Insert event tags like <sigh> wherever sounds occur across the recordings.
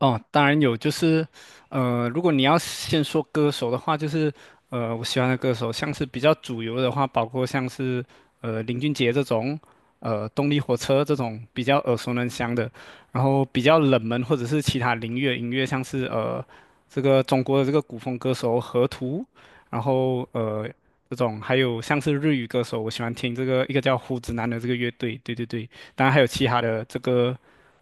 哦，当然有，就是，如果你要先说歌手的话，就是，我喜欢的歌手，像是比较主流的话，包括像是，林俊杰这种，动力火车这种比较耳熟能详的。然后比较冷门或者是其他领域的音乐，像是这个中国的这个古风歌手河图，然后这种还有像是日语歌手，我喜欢听这个一个叫胡子男的这个乐队，对对对。当然还有其他的这个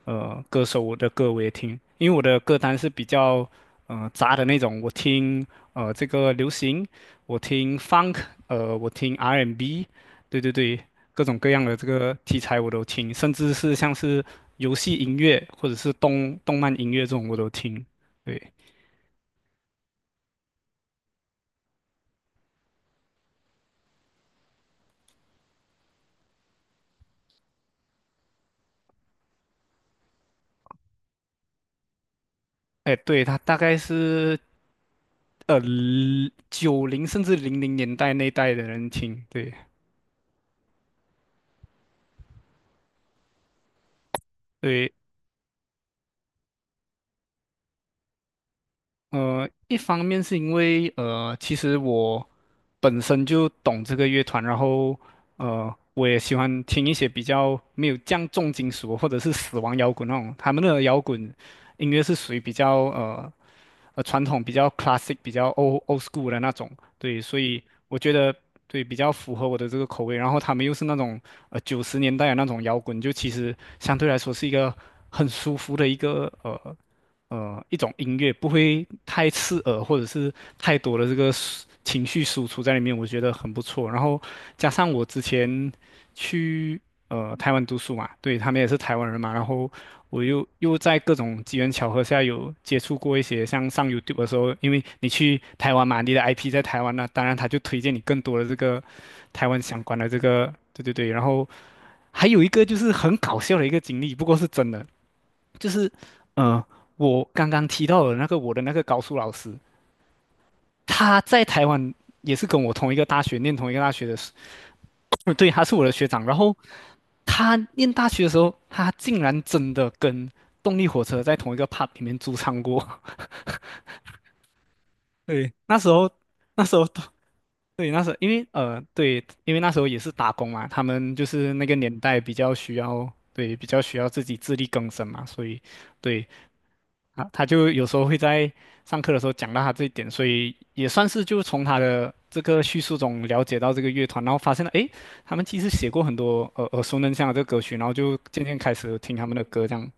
歌手我的歌我也听，因为我的歌单是比较杂的那种，我听这个流行，我听 funk，我听 R&B，对对对，各种各样的这个题材我都听，甚至是像是游戏音乐或者是动漫音乐这种我都听。对。哎，对，他大概是呃九零甚至零零年代那一代的人听，对。对，一方面是因为其实我本身就懂这个乐团，然后我也喜欢听一些比较没有这样重金属或者是死亡摇滚那种，他们的摇滚音乐是属于比较传统、比较 classic、比较 old school 的那种。对，所以我觉得对比较符合我的这个口味。然后他们又是那种90年代的那种摇滚，就其实相对来说是一个很舒服的一个一种音乐，不会太刺耳或者是太多的这个情绪输出在里面，我觉得很不错。然后加上我之前去，台湾读书嘛，对，他们也是台湾人嘛。然后我又在各种机缘巧合下有接触过一些像上 YouTube 的时候，因为你去台湾嘛，你的 IP 在台湾那、当然他就推荐你更多的这个台湾相关的这个，对对对。然后还有一个就是很搞笑的一个经历，不过是真的，就是呃我刚刚提到的那个我的那个高数老师，他在台湾也是跟我同一个大学念同一个大学的。<coughs> <smacks lips> 对，他是我的学长，然后他念大学的时候，他竟然真的跟动力火车在同一个 pub 里面驻唱过。<laughs> 对，那时候，那时候，对，那时候，因为对，因为那时候也是打工嘛，他们就是那个年代比较需要，对，比较需要自己自力更生嘛，所以，对。啊，他就有时候会在上课的时候讲到他这一点，所以也算是就从他的这个叙述中了解到这个乐团，然后发现了，诶，他们其实写过很多耳熟能详的这个歌曲，然后就渐渐开始听他们的歌这样。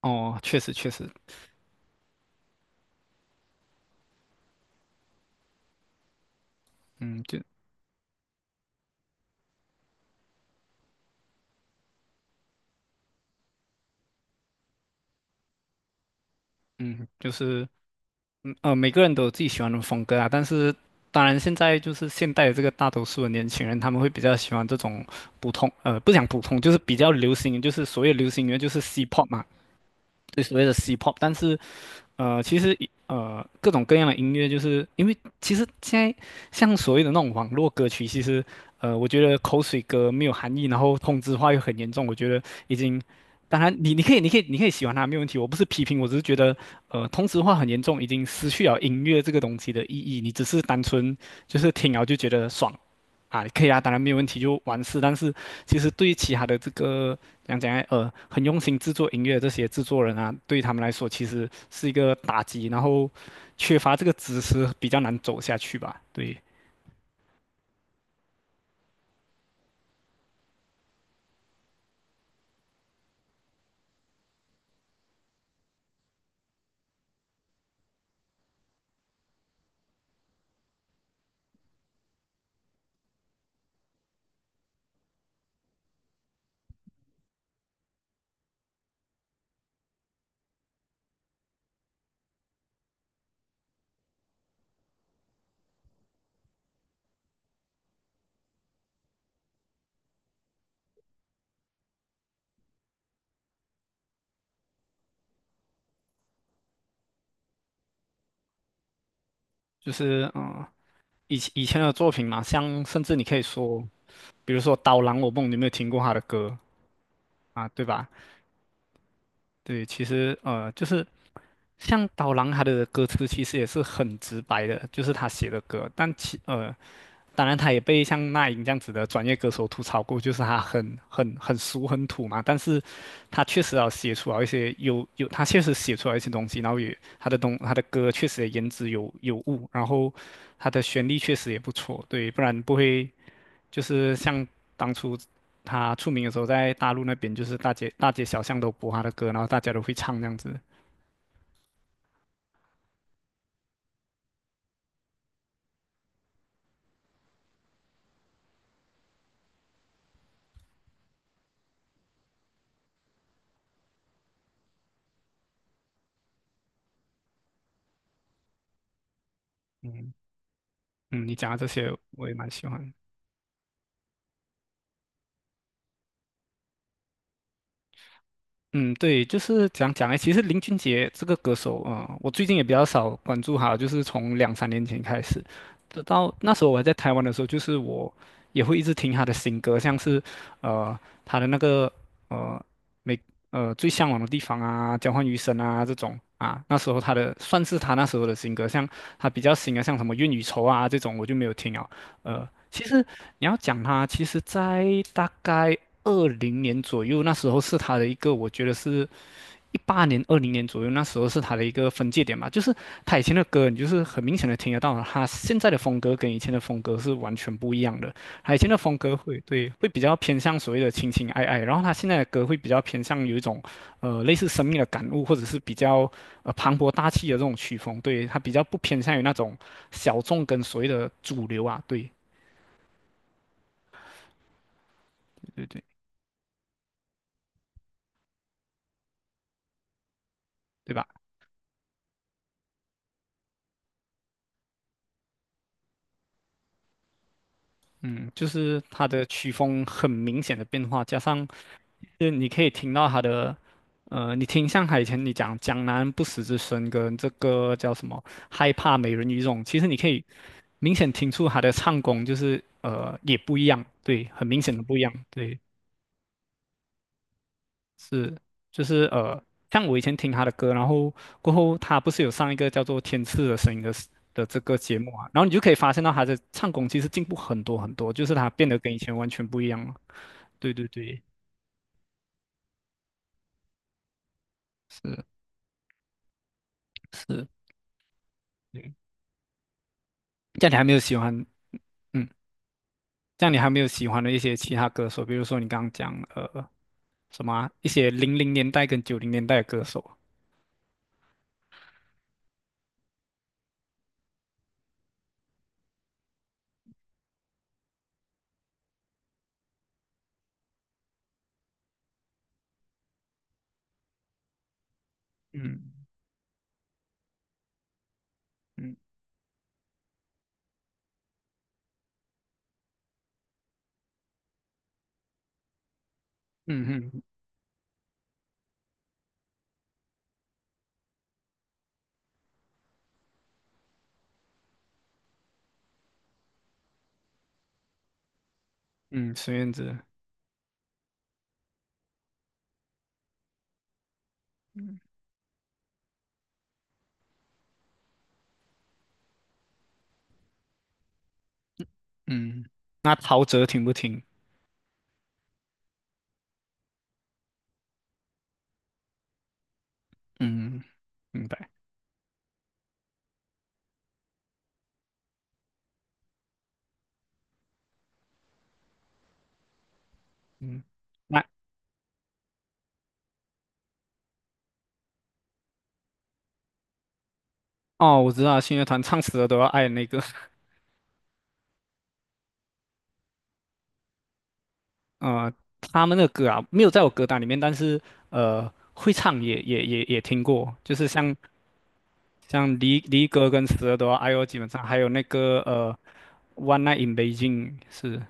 哦，确实确实。嗯，就嗯就是每个人都有自己喜欢的风格啊。但是当然，现在就是现代的这个大多数的年轻人，他们会比较喜欢这种普通，不讲普通，就是比较流行，就是所谓流行音乐就是 C-pop 嘛，对，所谓的 C-pop。但是其实各种各样的音乐，就是因为其实现在像所谓的那种网络歌曲，其实我觉得口水歌没有含义，然后同质化又很严重，我觉得已经，当然你可以喜欢它没有问题，我不是批评，我只是觉得同质化很严重，已经失去了音乐这个东西的意义，你只是单纯就是听了就觉得爽。啊，可以啊，当然没有问题，就完事。但是其实对于其他的这个讲来，很用心制作音乐的这些制作人啊，对他们来说其实是一个打击，然后缺乏这个知识比较难走下去吧。对，就是以前的作品嘛，像甚至你可以说，比如说《刀郎我梦》，你有没有听过他的歌啊？对吧？对，其实就是像刀郎他的歌词其实也是很直白的，就是他写的歌，当然他也被像那英这样子的专业歌手吐槽过，就是他很俗很土嘛。但是他确实要写出来一些他确实写出来一些东西，然后也他的歌确实也言之有物，然后他的旋律确实也不错，对，不然不会就是像当初。他出名的时候，在大陆那边就是大街小巷都播他的歌，然后大家都会唱这样子。嗯。嗯，你讲的这些我也蛮喜欢。嗯，对，就是讲讲哎，其实林俊杰这个歌手啊、我最近也比较少关注他，就是从两三年前开始，直到那时候我还在台湾的时候，就是我也会一直听他的新歌，像是呃他的那个呃每最向往的地方啊，交换余生啊这种啊。那时候他的算是他那时候的新歌，像他比较新的像什么愿与愁啊这种我就没有听了。其实你要讲他，其实在大概二零年左右，那时候是他的一个，我觉得是18年、二零年左右，那时候是他的一个分界点吧。就是他以前的歌，你就是很明显的听得到，他现在的风格跟以前的风格是完全不一样的。它以前的风格会对会比较偏向所谓的情情爱爱，然后他现在的歌会比较偏向有一种类似生命的感悟，或者是比较磅礴大气的这种曲风。对，他比较不偏向于那种小众跟所谓的主流啊，对。对对对吧？嗯，就是他的曲风很明显的变化，加上就是你可以听到他的，你听像你讲江南不死之身跟这个叫什么害怕美人鱼这种，其实你可以明显听出他的唱功就是也不一样，对，很明显的不一样，对。是，就是像我以前听他的歌，然后过后他不是有上一个叫做《天赐的声音》的 这个节目啊，然后你就可以发现到他的唱功其实进步很多很多，就是他变得跟以前完全不一样了。对对对，是是，对。这样你还没有喜欢。嗯，这样你还没有喜欢的一些其他歌手，比如说你刚刚讲什么啊一些零零年代跟90年代的歌手，嗯嗯嗯嗯嗯，孙燕姿，嗯嗯，那陶喆听不听？嗯，明白。嗯，那哦，我知道信乐团唱死了都要爱的那个。<laughs> 呃，他们的歌啊，没有在我歌单里面，但是会唱也听过，就是像离歌跟死了都要爱哦，基本上还有那个One Night in Beijing 是。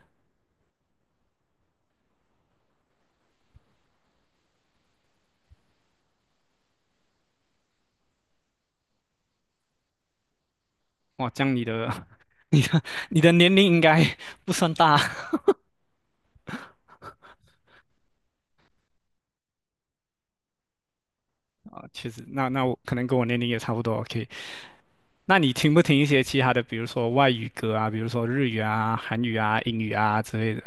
哇，这样你的 <laughs> 你你的年龄应该 <laughs> 不算大。 <laughs> 其实那我可能跟我年龄也差不多，OK，那你听不听一些其他的，比如说外语歌啊，比如说日语啊、韩语啊、英语啊之类的？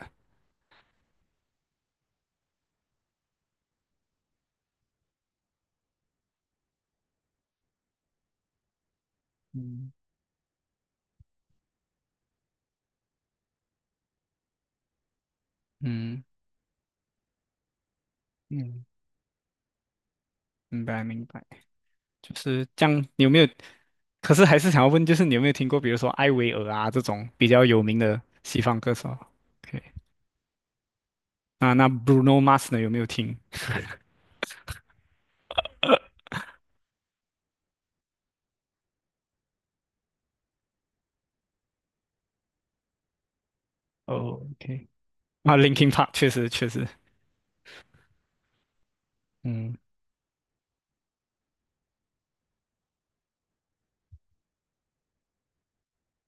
嗯嗯。嗯，明白明白，就是这样。你有没有？可是还是想要问，就是你有没有听过，比如说艾薇儿啊这种比较有名的西方歌手？OK，那Bruno Mars 呢有没有听？哦，OK，那 Linkin Park 确实确实。嗯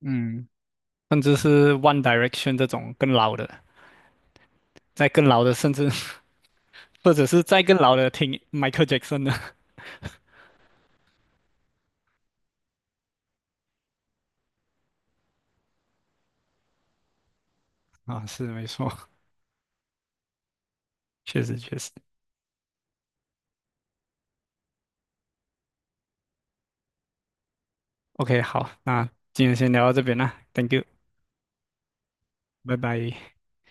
嗯，甚至是 One Direction 这种更老的，在更老的，甚至 <laughs> 或者是再更老的，听 Michael Jackson 的。 <laughs> 啊，是没错，确实确实。OK，好，那今天先聊到这边啦，Thank you，拜拜。